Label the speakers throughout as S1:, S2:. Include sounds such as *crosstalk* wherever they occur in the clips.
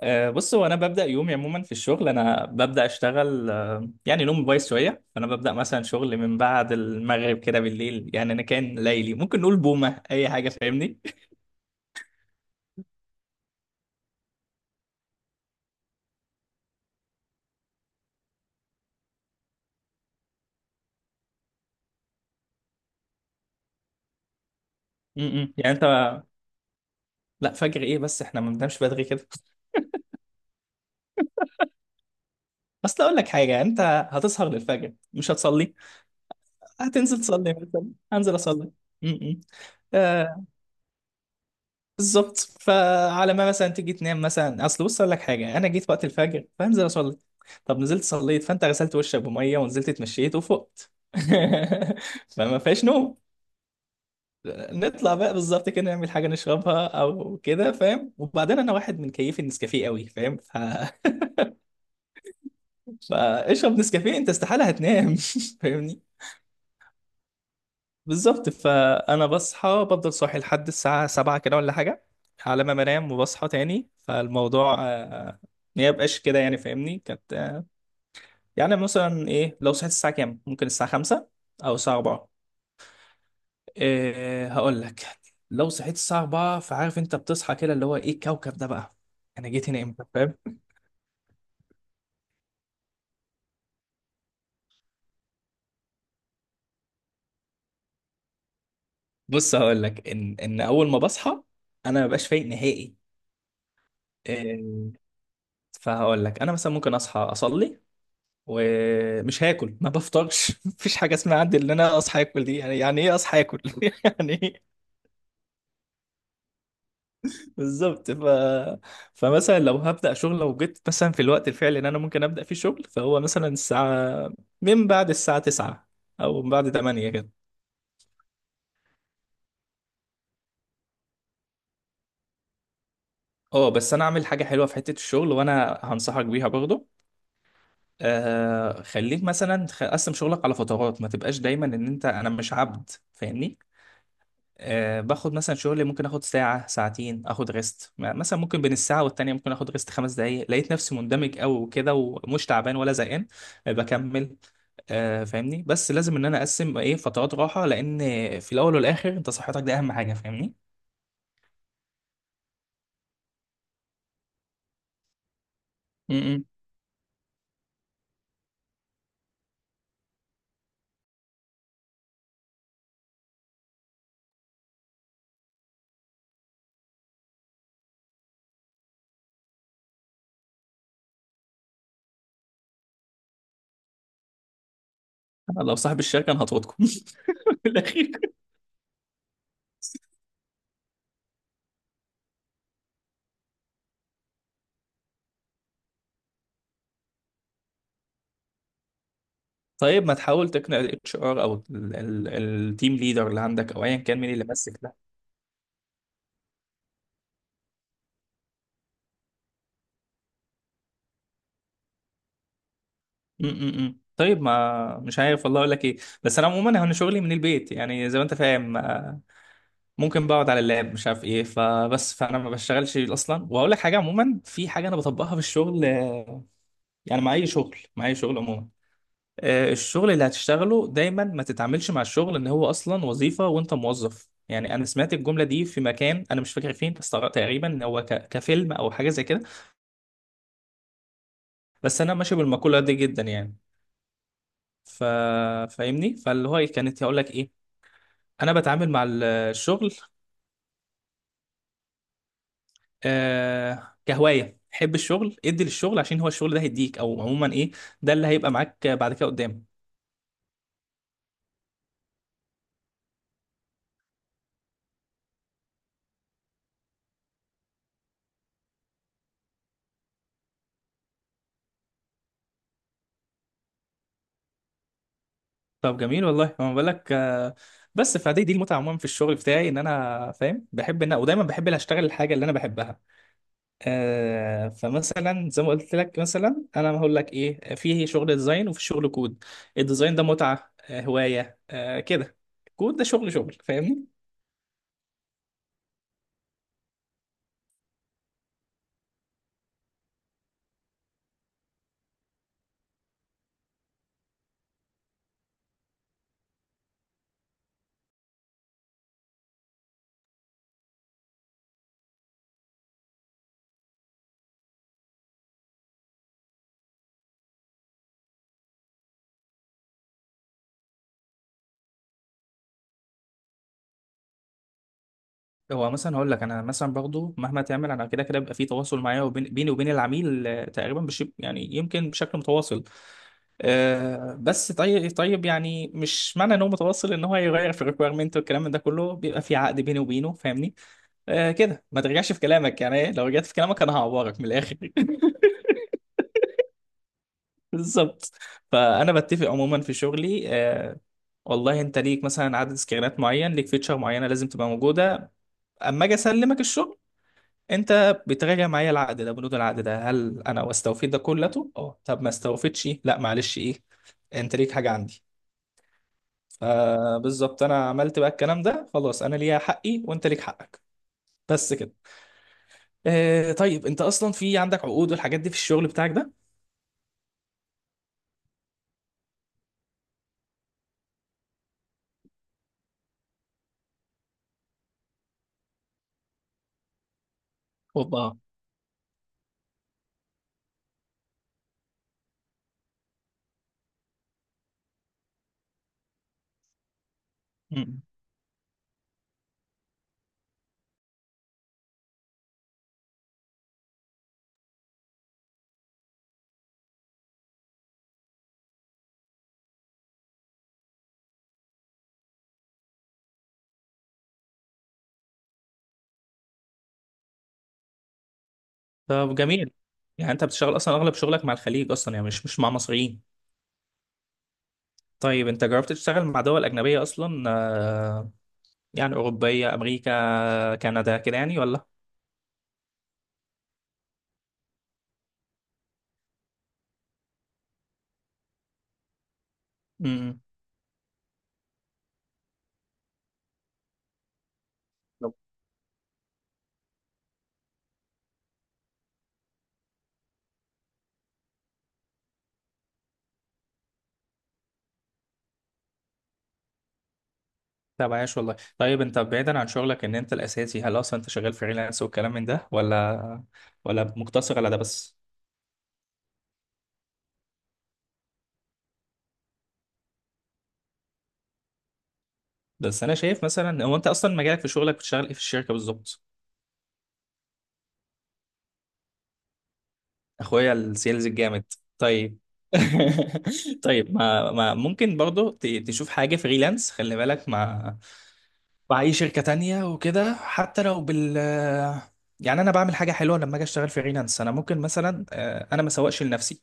S1: بص هو انا ببدا يومي عموما في الشغل. انا ببدا اشتغل يعني نوم بايظ شويه، فانا ببدا مثلا شغل من بعد المغرب كده بالليل. يعني انا كان ليلي ممكن نقول بومه اي حاجه، فاهمني؟ م- م. يعني انت، لا فجر ايه؟ بس احنا ما بننامش بدري كده. اصل اقول لك حاجه، انت هتسهر للفجر مش هتصلي؟ هتنزل تصلي، مثلا هنزل اصلي. م- م. آه، بالظبط. فعلى ما مثلا تيجي تنام، مثلا اصل بص اقول لك حاجه، انا جيت وقت الفجر فانزل اصلي. طب نزلت صليت، فانت غسلت وشك بميه ونزلت اتمشيت وفقت. *laughs* فما فيهاش نوم. نطلع بقى بالظبط كده نعمل حاجه نشربها او كده، فاهم؟ وبعدين انا واحد من كيف النسكافيه قوي، فاهم؟ *laughs* فاشرب نسكافيه، انت استحاله هتنام. *laughs* فاهمني؟ بالظبط. فانا بصحى بفضل صاحي لحد الساعه 7 كده ولا حاجه، على ما بنام وبصحى تاني. فالموضوع ما يبقاش كده يعني، فاهمني؟ كانت يعني مثلا ايه؟ لو صحيت الساعه كام؟ ممكن الساعه 5 او الساعه 4. إيه هقول لك، لو صحيت الساعه 4 فعارف انت بتصحى كده، اللي هو ايه الكوكب ده بقى، انا جيت هنا امتى، فاهم؟ بص هقول لك، ان اول ما بصحى انا ما ببقاش فايق نهائي، إيه. فهقول لك، انا مثلا ممكن اصحى اصلي ومش هاكل، ما بفطرش. *laughs* مفيش حاجه اسمها عندي ان انا اصحى اكل، دي يعني يعني ايه اصحى اكل، *laughs* يعني ايه. بالظبط. فمثلا لو هبدا شغل، لو جيت مثلا في الوقت الفعلي اللي انا ممكن ابدا فيه شغل، فهو مثلا الساعه، من بعد الساعه 9 او من بعد 8 كده. اه بس انا اعمل حاجه حلوه في حته الشغل وانا هنصحك بيها برضه. خليك مثلا، قسم شغلك على فترات، ما تبقاش دايما ان انت، انا مش عبد، فاهمني؟ باخد مثلا شغل، ممكن اخد ساعة ساعتين، اخد ريست. مثلا ممكن بين الساعة والتانية ممكن اخد ريست 5 دقايق. لقيت نفسي مندمج قوي وكده ومش تعبان ولا زهقان، بكمل. فاهمني؟ بس لازم ان انا اقسم ايه، فترات راحة، لان في الاول والاخر انت صحتك دي اهم حاجة، فاهمني؟ امم أنا لو صاحب الشركة انا هطردكم *laughs* في الاخير. طيب ما تحاول تقنع الاتش ار او التيم ليدر اللي عندك او ايا كان مين اللي ماسك. م- م- م. طيب، ما مش عارف والله اقول لك ايه. بس انا عموما انا شغلي من البيت، يعني زي ما انت فاهم، ممكن بقعد على اللاب، مش عارف ايه، فبس فانا ما بشتغلش اصلا. واقول لك حاجه عموما، في حاجه انا بطبقها في الشغل، يعني مع اي شغل، مع اي شغل عموما. الشغل اللي هتشتغله دايما ما تتعاملش مع الشغل ان هو اصلا وظيفه وانت موظف. يعني انا سمعت الجمله دي في مكان انا مش فاكر فين، بس تقريبا إن هو كفيلم او حاجه زي كده. بس انا ماشي بالمقوله دي جدا يعني. ف... فاهمني؟ فاللي هو إيه، كانت هقول لك ايه، انا بتعامل مع الشغل آه كهوايه. حب الشغل، ادي للشغل، عشان هو الشغل ده هيديك، او عموما ايه، ده اللي هيبقى معاك بعد كده قدام. طب جميل والله. ما بالك؟ بس فدي المتعه عموما في الشغل بتاعي، ان انا فاهم، بحب ان ودايما بحب ان اشتغل الحاجه اللي انا بحبها. فمثلا زي ما قلت لك، مثلا انا هقول لك ايه، في شغل ديزاين وفي شغل كود. الديزاين ده متعه، هوايه كده. كود ده شغل شغل، فاهمني؟ هو مثلا هقول لك، انا مثلا برضه مهما تعمل انا كده كده بيبقى في تواصل معايا وبين بيني وبين العميل، تقريبا يعني يمكن بشكل متواصل. بس طيب طيب يعني مش معنى ان هو متواصل ان هو هيغير في الريكويرمنت والكلام من ده كله. بيبقى في عقد بيني وبينه، فاهمني؟ كده ما ترجعش في كلامك، يعني إيه؟ لو رجعت في كلامك انا هعورك من الاخر. *laughs* بالظبط. فانا بتفق عموما في شغلي. والله انت ليك مثلا عدد سكرينات معين، ليك فيتشر معينه لازم تبقى موجوده. اما اجي اسلمك الشغل، انت بتراجع معايا العقد ده، بنود العقد ده هل انا استوفيت ده كلته؟ اه. طب ما استوفيتش، لا معلش، ايه انت ليك حاجه عندي. فبالظبط، انا عملت بقى الكلام ده، خلاص انا ليا حقي وانت ليك حقك، بس كده. طيب، انت اصلا في عندك عقود والحاجات دي في الشغل بتاعك ده؟ اوبا. مم. طب جميل. يعني انت بتشتغل اصلا اغلب شغلك مع الخليج اصلا، يعني مش مش مع مصريين؟ طيب انت جربت تشتغل مع دول اجنبيه اصلا، يعني اوروبيه، امريكا، كندا كده يعني، ولا؟ امم طب عايش والله. طيب انت بعيدا عن شغلك ان انت الاساسي، هل اصلا انت شغال فريلانس والكلام من ده، ولا ولا مقتصر على ده بس؟ بس انا شايف مثلا، هو انت اصلا مجالك في شغلك بتشتغل ايه في الشركه بالظبط؟ اخويا السيلز الجامد، طيب. *laughs* طيب، ما ممكن برضو تشوف حاجه فريلانس، خلي بالك، مع مع اي شركه تانية وكده حتى لو بال، يعني انا بعمل حاجه حلوه لما اجي اشتغل فريلانس. انا ممكن مثلا، انا ما سوقش لنفسي،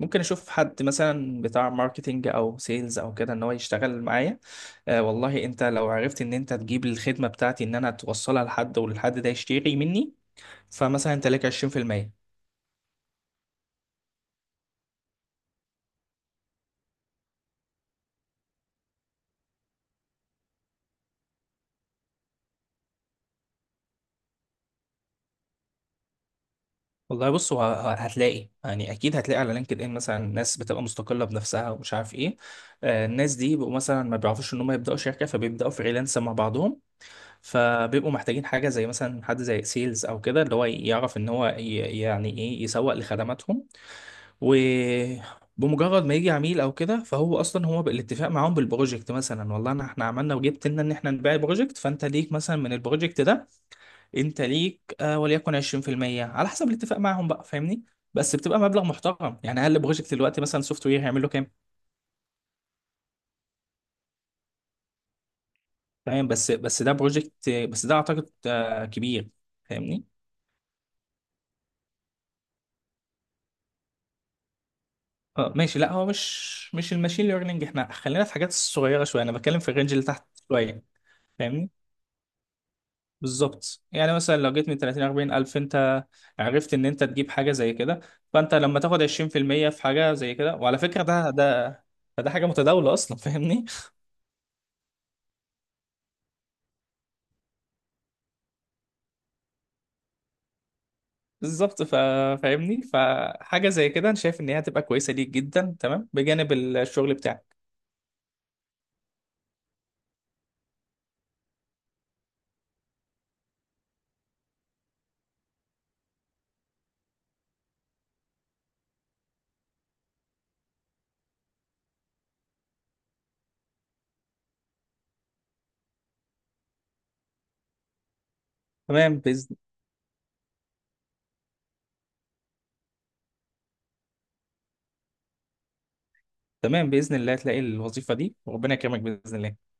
S1: ممكن اشوف حد مثلا بتاع ماركتينج او سيلز او كده ان هو يشتغل معايا. والله انت لو عرفت ان انت تجيب الخدمه بتاعتي، ان انا توصلها لحد والحد ده يشتري مني، فمثلا انت لك 20%. والله بص، هو هتلاقي، يعني اكيد هتلاقي على لينكد ان مثلا ناس بتبقى مستقله بنفسها ومش عارف ايه. الناس دي بيبقوا مثلا ما بيعرفوش ان هم يبداوا شركه، فبيبداوا فريلانس مع بعضهم. فبيبقوا محتاجين حاجه زي مثلا حد زي سيلز او كده، اللي هو يعرف ان هو يعني ايه يسوق لخدماتهم. وبمجرد ما يجي عميل او كده، فهو اصلا هو بالاتفاق معاهم بالبروجكت، مثلا والله انا احنا عملنا وجبت لنا ان احنا نبيع بروجكت، فانت ليك مثلا من البروجكت ده، انت ليك وليكن 20% على حسب الاتفاق معاهم بقى، فاهمني؟ بس بتبقى مبلغ محترم. يعني اقل بروجكت دلوقتي مثلا سوفت وير هيعمل له كام؟ تمام. بس بس ده بروجكت، بس ده اعتقد كبير، فاهمني؟ اه ماشي. لا هو مش مش الماشين ليرنينج، احنا خلينا في حاجات صغيره شويه، انا بتكلم في الرينج اللي تحت شويه، فاهمني؟ بالظبط. يعني مثلا لو جيت من 30 40 الف، انت عرفت ان انت تجيب حاجه زي كده، فانت لما تاخد 20% في المية في حاجه زي كده. وعلى فكره ده حاجه متداوله اصلا، فاهمني؟ *laughs* بالظبط. فاهمني؟ فحاجه زي كده انا شايف ان هي هتبقى كويسه ليك جدا، تمام، بجانب الشغل بتاعك. تمام باذن تمام، باذن الله هتلاقي الوظيفه دي وربنا يكرمك، باذن الله.